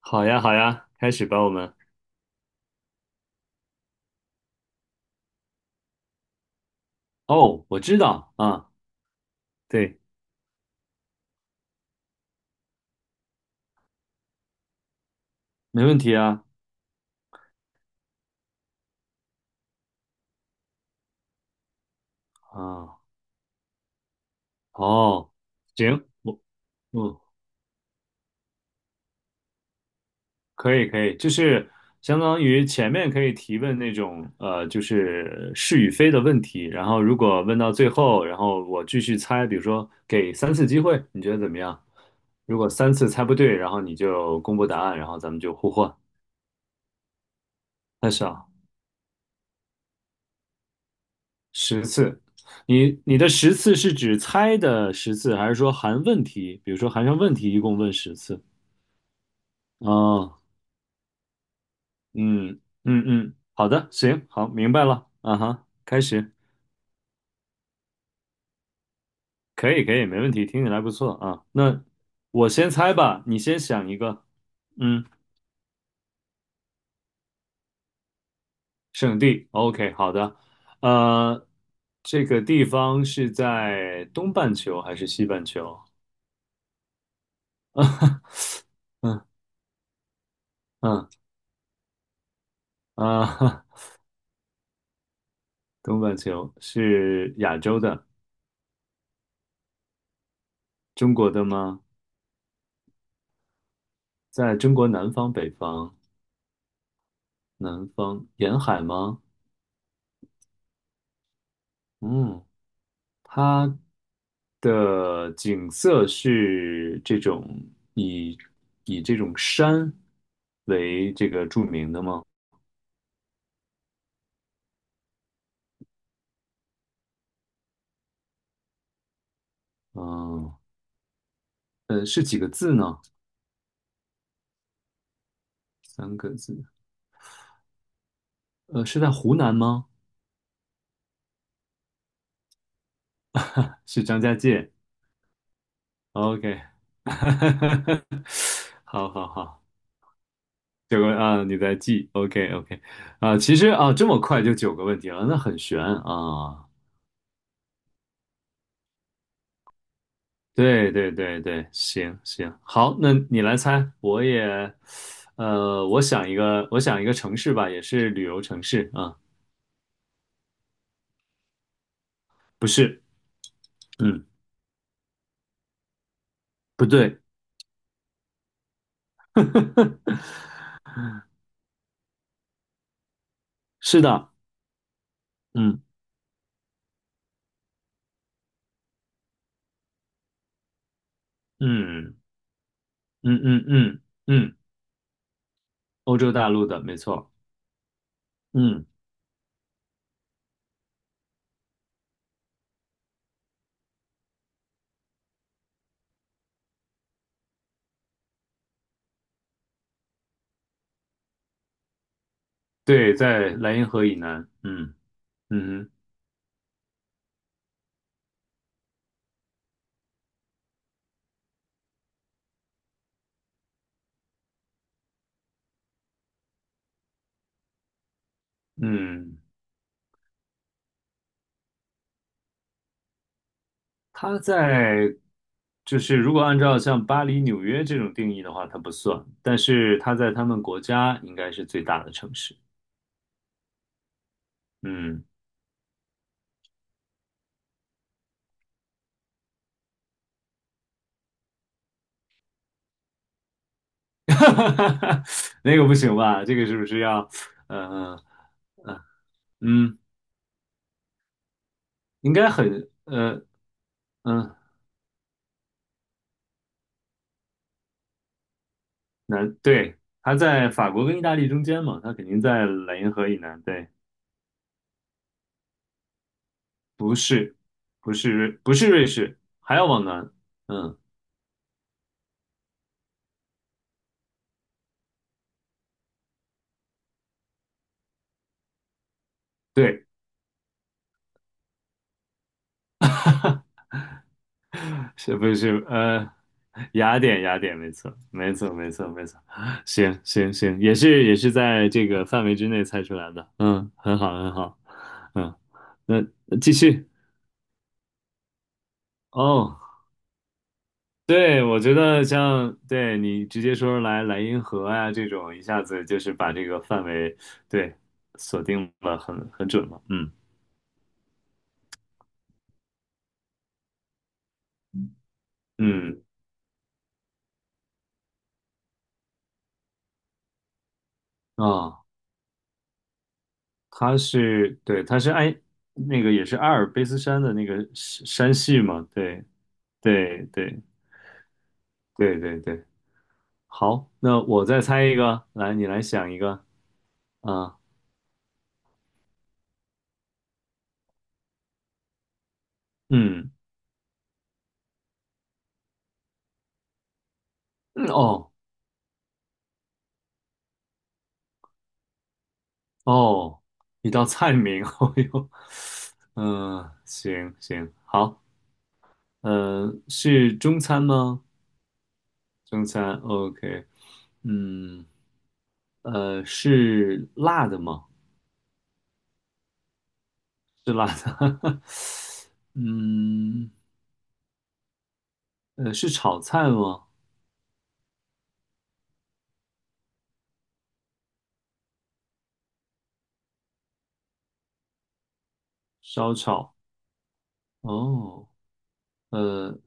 好呀，好呀，开始吧，我们。哦，我知道啊，对，没问题啊，啊，哦，行，我，嗯，可以，可以，就是相当于前面可以提问那种，就是是与非的问题，然后如果问到最后，然后我继续猜，比如说给三次机会，你觉得怎么样？如果三次猜不对，然后你就公布答案，然后咱们就互换。开始啊，十次，你的十次是指猜的十次，还是说含问题？比如说含上问题，一共问十次？哦，嗯嗯嗯，好的，行，好，明白了，啊哈，开始，可以可以，没问题，听起来不错啊。那我先猜吧，你先想一个，嗯，圣地，OK,好的，呃，这个地方是在东半球还是西半球？嗯嗯啊，哈，东半球是亚洲的。中国的吗？在中国南方、北方，南方沿海吗？嗯，它的景色是这种以以这种山为这个著名的吗？嗯，是几个字呢？3个字。是在湖南吗？是张家界。OK,好好好，9个啊，你在记。OK OK,啊，其实啊，这么快就九个问题了，那很悬啊。对对对对，行行，好，那你来猜，我也，我想一个城市吧，也是旅游城市啊，不是，嗯，不对，是的，嗯嗯嗯嗯嗯嗯，欧洲大陆的，没错，嗯，对，在莱茵河以南，嗯嗯哼嗯，它在，就是如果按照像巴黎、纽约这种定义的话，它不算，但是它在他们国家应该是最大的城市。嗯，那个不行吧？这个是不是要，呃呃嗯，应该很嗯对，它在法国跟意大利中间嘛，它肯定在莱茵河以南。对，不是，不是瑞士，还要往南。嗯，对，是不是雅典？雅典，没错，没错，没错，没错。行行行，也是在这个范围之内猜出来的。嗯，很好，很好。嗯，那继续哦。对，我觉得像对你直接说来莱茵河啊这种，一下子就是把这个范围对锁定了很准了。嗯嗯啊，它是对。它是埃那个也是阿尔卑斯山的那个山系嘛。对对对对对对，好，那我再猜一个，来你来想一个啊，嗯嗯哦哦，一道菜名，哦哟，嗯，行行好。嗯，是中餐吗？中餐，OK。嗯，是辣的吗？是辣的。嗯，是炒菜吗？烧炒。哦，呃，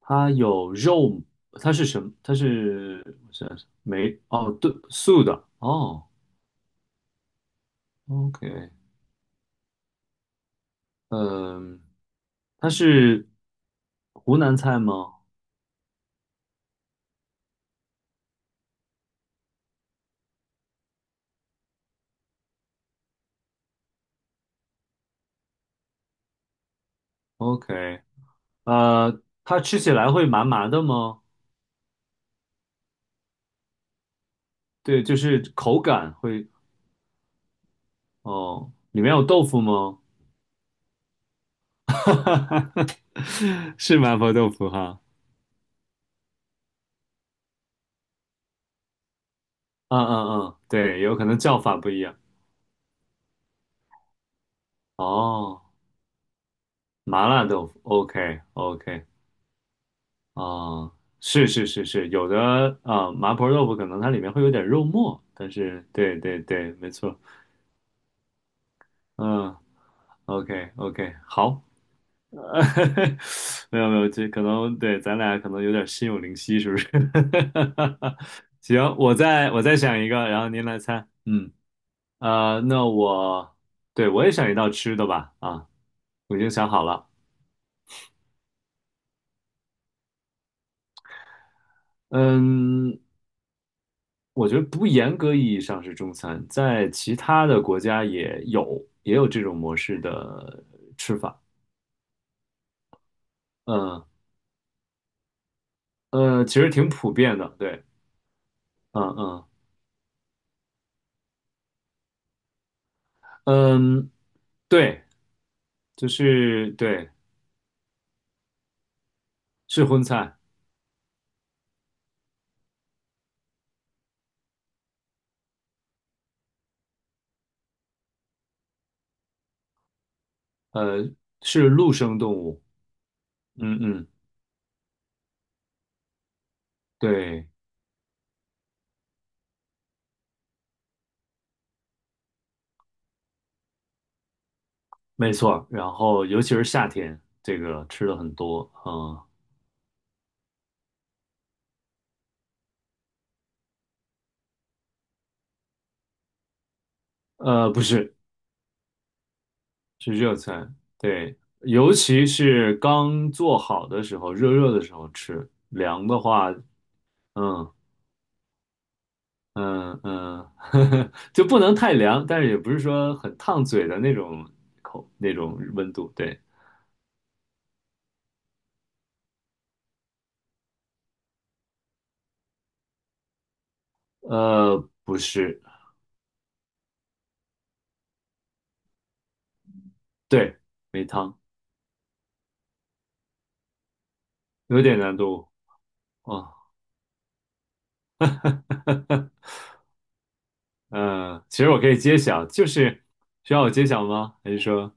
它有肉，它是什么？它是我想想，没，哦，对，素的。哦，OK。嗯，它是湖南菜吗？OK,它吃起来会麻麻的吗？对，就是口感会，哦，里面有豆腐吗？是麻婆豆腐哈，嗯嗯嗯，对，有可能叫法不一样。哦，麻辣豆腐，OK OK,哦，是是是是，有的麻婆豆腐可能它里面会有点肉末，但是对对对，没错，嗯，OK OK,好。哈，没有没有，这可能对咱俩可能有点心有灵犀，是不是？行，我再想一个，然后您来猜。嗯，那我对我也想一道吃的吧。啊，我已经想好了。嗯，我觉得不严格意义上是中餐，在其他的国家也有这种模式的吃法。嗯，其实挺普遍的。对，嗯嗯嗯，对，就是对，是荤菜。呃，是陆生动物。嗯嗯，对，没错。然后尤其是夏天，这个吃的很多。啊。不是，是热餐。对，尤其是刚做好的时候，热热的时候吃。凉的话，嗯嗯嗯，就不能太凉，但是也不是说很烫嘴的那种温度。对，呃，不是，对，没汤，有点难度。啊。嗯，其实我可以揭晓，就是需要我揭晓吗？还是说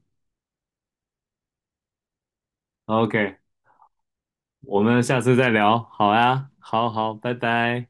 ，OK,我们下次再聊？好呀，好好，拜拜。